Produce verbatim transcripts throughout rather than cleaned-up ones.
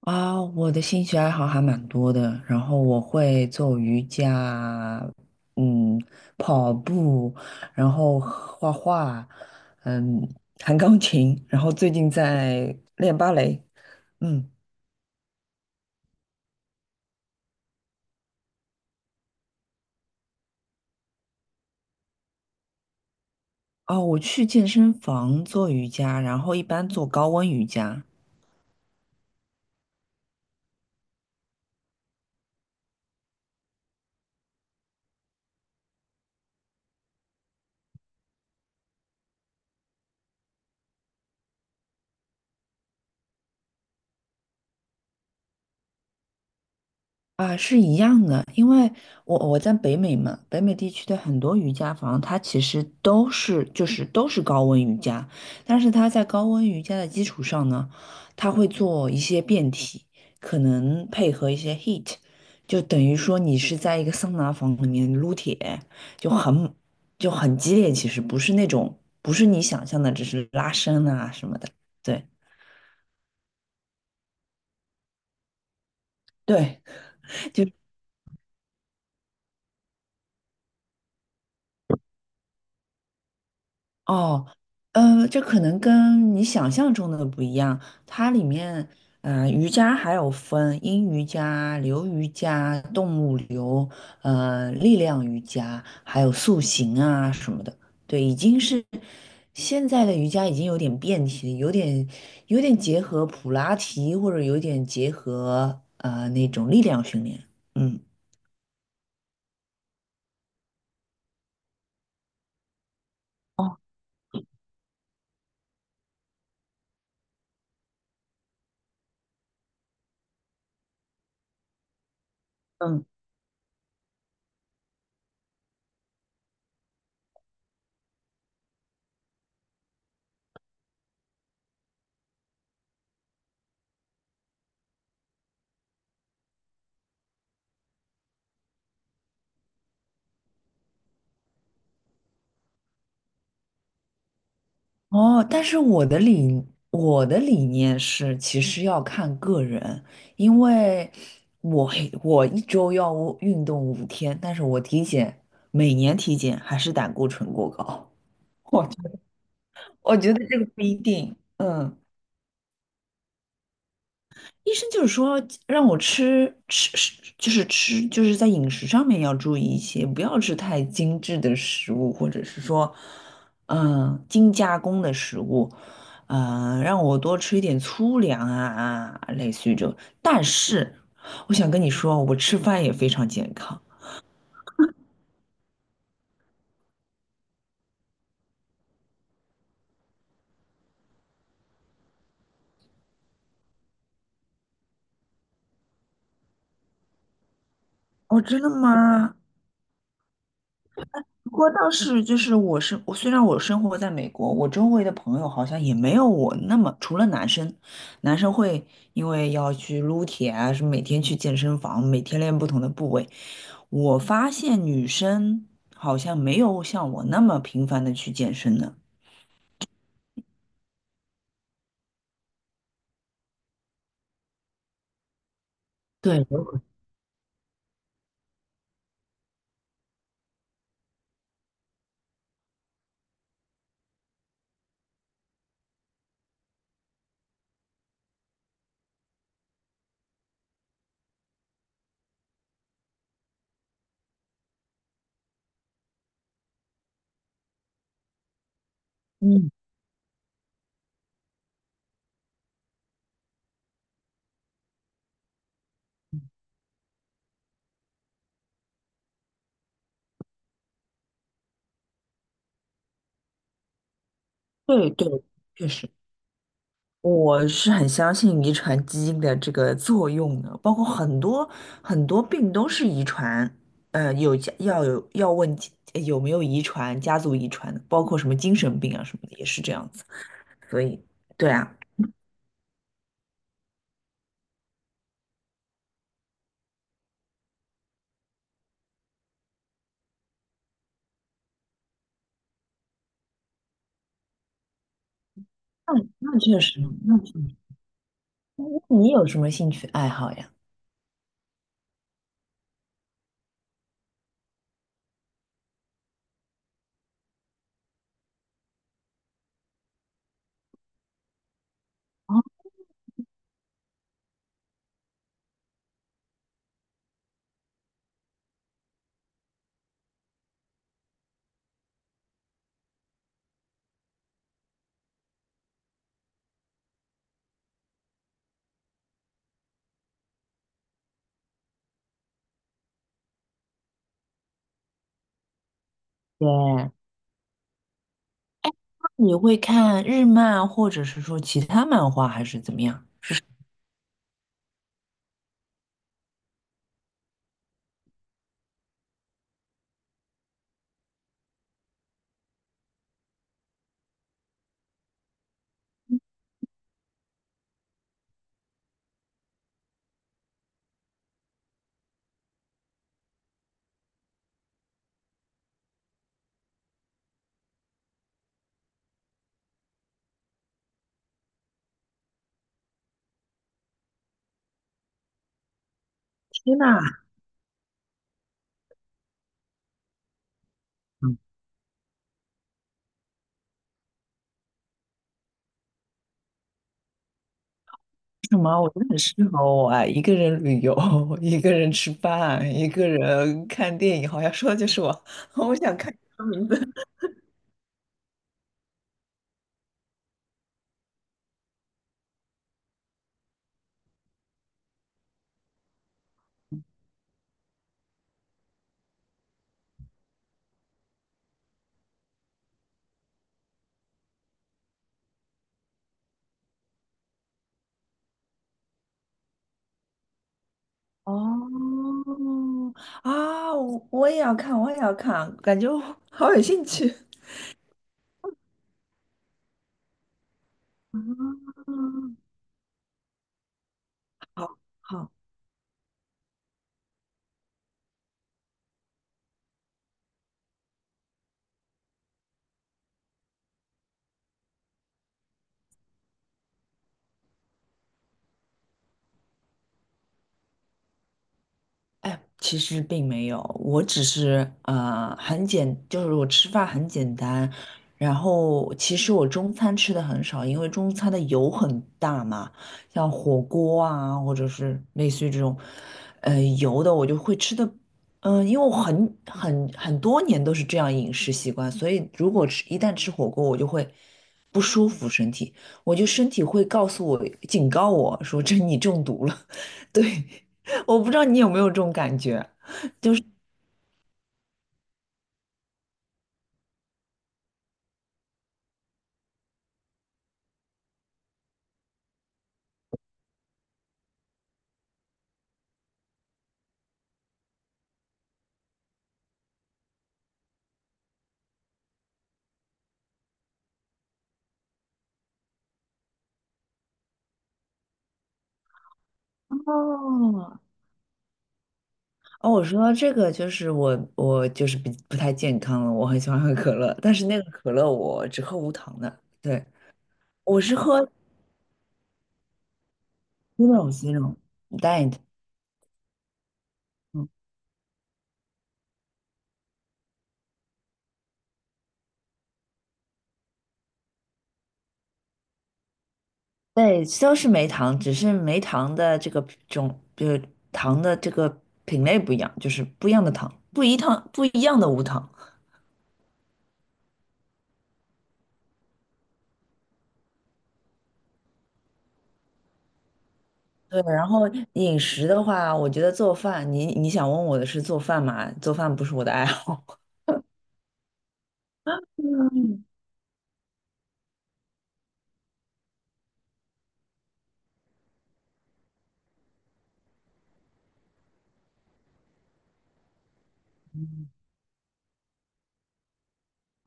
啊，我的兴趣爱好还蛮多的，然后我会做瑜伽，嗯，跑步，然后画画，嗯，弹钢琴，然后最近在练芭蕾，嗯，哦，我去健身房做瑜伽，然后一般做高温瑜伽。啊，是一样的，因为我我在北美嘛，北美地区的很多瑜伽房，它其实都是就是都是高温瑜伽，但是它在高温瑜伽的基础上呢，它会做一些变体，可能配合一些 heat，就等于说你是在一个桑拿房里面撸铁，就很就很激烈，其实不是那种不是你想象的，只是拉伸啊什么的，对对。哦，呃，这可能跟你想象中的不一样。它里面，呃，瑜伽还有分阴瑜伽、流瑜伽、动物流、呃，力量瑜伽，还有塑形啊什么的。对，已经是现在的瑜伽已经有点变体，有点有点结合普拉提，或者有点结合呃那种力量训练。嗯。哦，但是我的理我的理念是，其实要看个人，因为我我一周要运动五天，但是我体检每年体检还是胆固醇过高。我觉得我觉得这个不一定。嗯。医生就是说让我吃吃吃，就是吃，就是在饮食上面要注意一些，不要吃太精致的食物，或者是说，嗯，精加工的食物，嗯，让我多吃一点粗粮啊，类似于这种。但是我想跟你说，我吃饭也非常健康。哦，真的吗？不过倒是就是我是我虽然我生活在美国，我周围的朋友好像也没有我那么，除了男生，男生会因为要去撸铁啊，什么每天去健身房，每天练不同的部位。我发现女生好像没有像我那么频繁的去健身呢。对，嗯，对对，确实。我是很相信遗传基因的这个作用的，包括很多很多病都是遗传，呃，有家要有要问家有没有遗传，家族遗传的，包括什么精神病啊什么的也是这样子。所以，对啊，那那确实，那确实。那你有什么兴趣爱好呀？对，你会看日漫或者是说其他漫画还是怎么样？天呐！什么？我觉得很适合我啊！一个人旅游，一个人吃饭，一个人看电影，好像说的就是我。我想看哦啊，我我也要看，我也要看，感觉我好有兴趣。啊，好，好。哎，其实并没有，我只是呃很简，就是我吃饭很简单，然后其实我中餐吃的很少，因为中餐的油很大嘛，像火锅啊，或者是类似于这种，呃油的我就会吃的。嗯、因为我很很很多年都是这样饮食习惯，所以如果吃一旦吃火锅，我就会不舒服身体，我就身体会告诉我警告我说这你中毒了。对。我不知道你有没有这种感觉。哦。哦，我说到这个就是我我就是比不太健康了，我很喜欢喝可乐，但是那个可乐我只喝无糖的。对，我是喝 zero zero diet。嗯，对，都是没糖，只是没糖的这个种就是糖的这个品类不一样，就是不一样的糖，不一糖不一样的无糖。对，然后饮食的话，我觉得做饭，你你想问我的是做饭嘛？做饭不是我的爱好。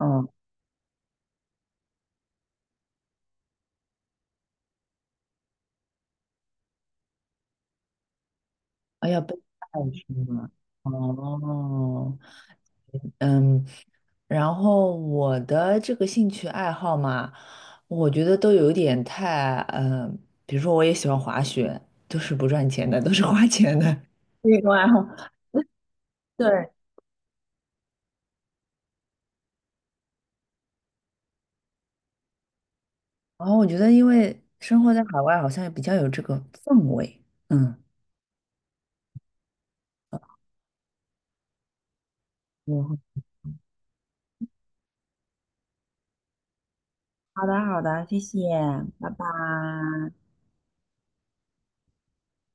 嗯。哎呀，被带出了。哦，嗯，然后我的这个兴趣爱好嘛，我觉得都有点太，嗯，比如说我也喜欢滑雪，都是不赚钱的，都是花钱的 运动爱好。对，然后我觉得因为生活在海外，好像也比较有这个氛围。嗯，我好的，好的，谢谢，拜拜。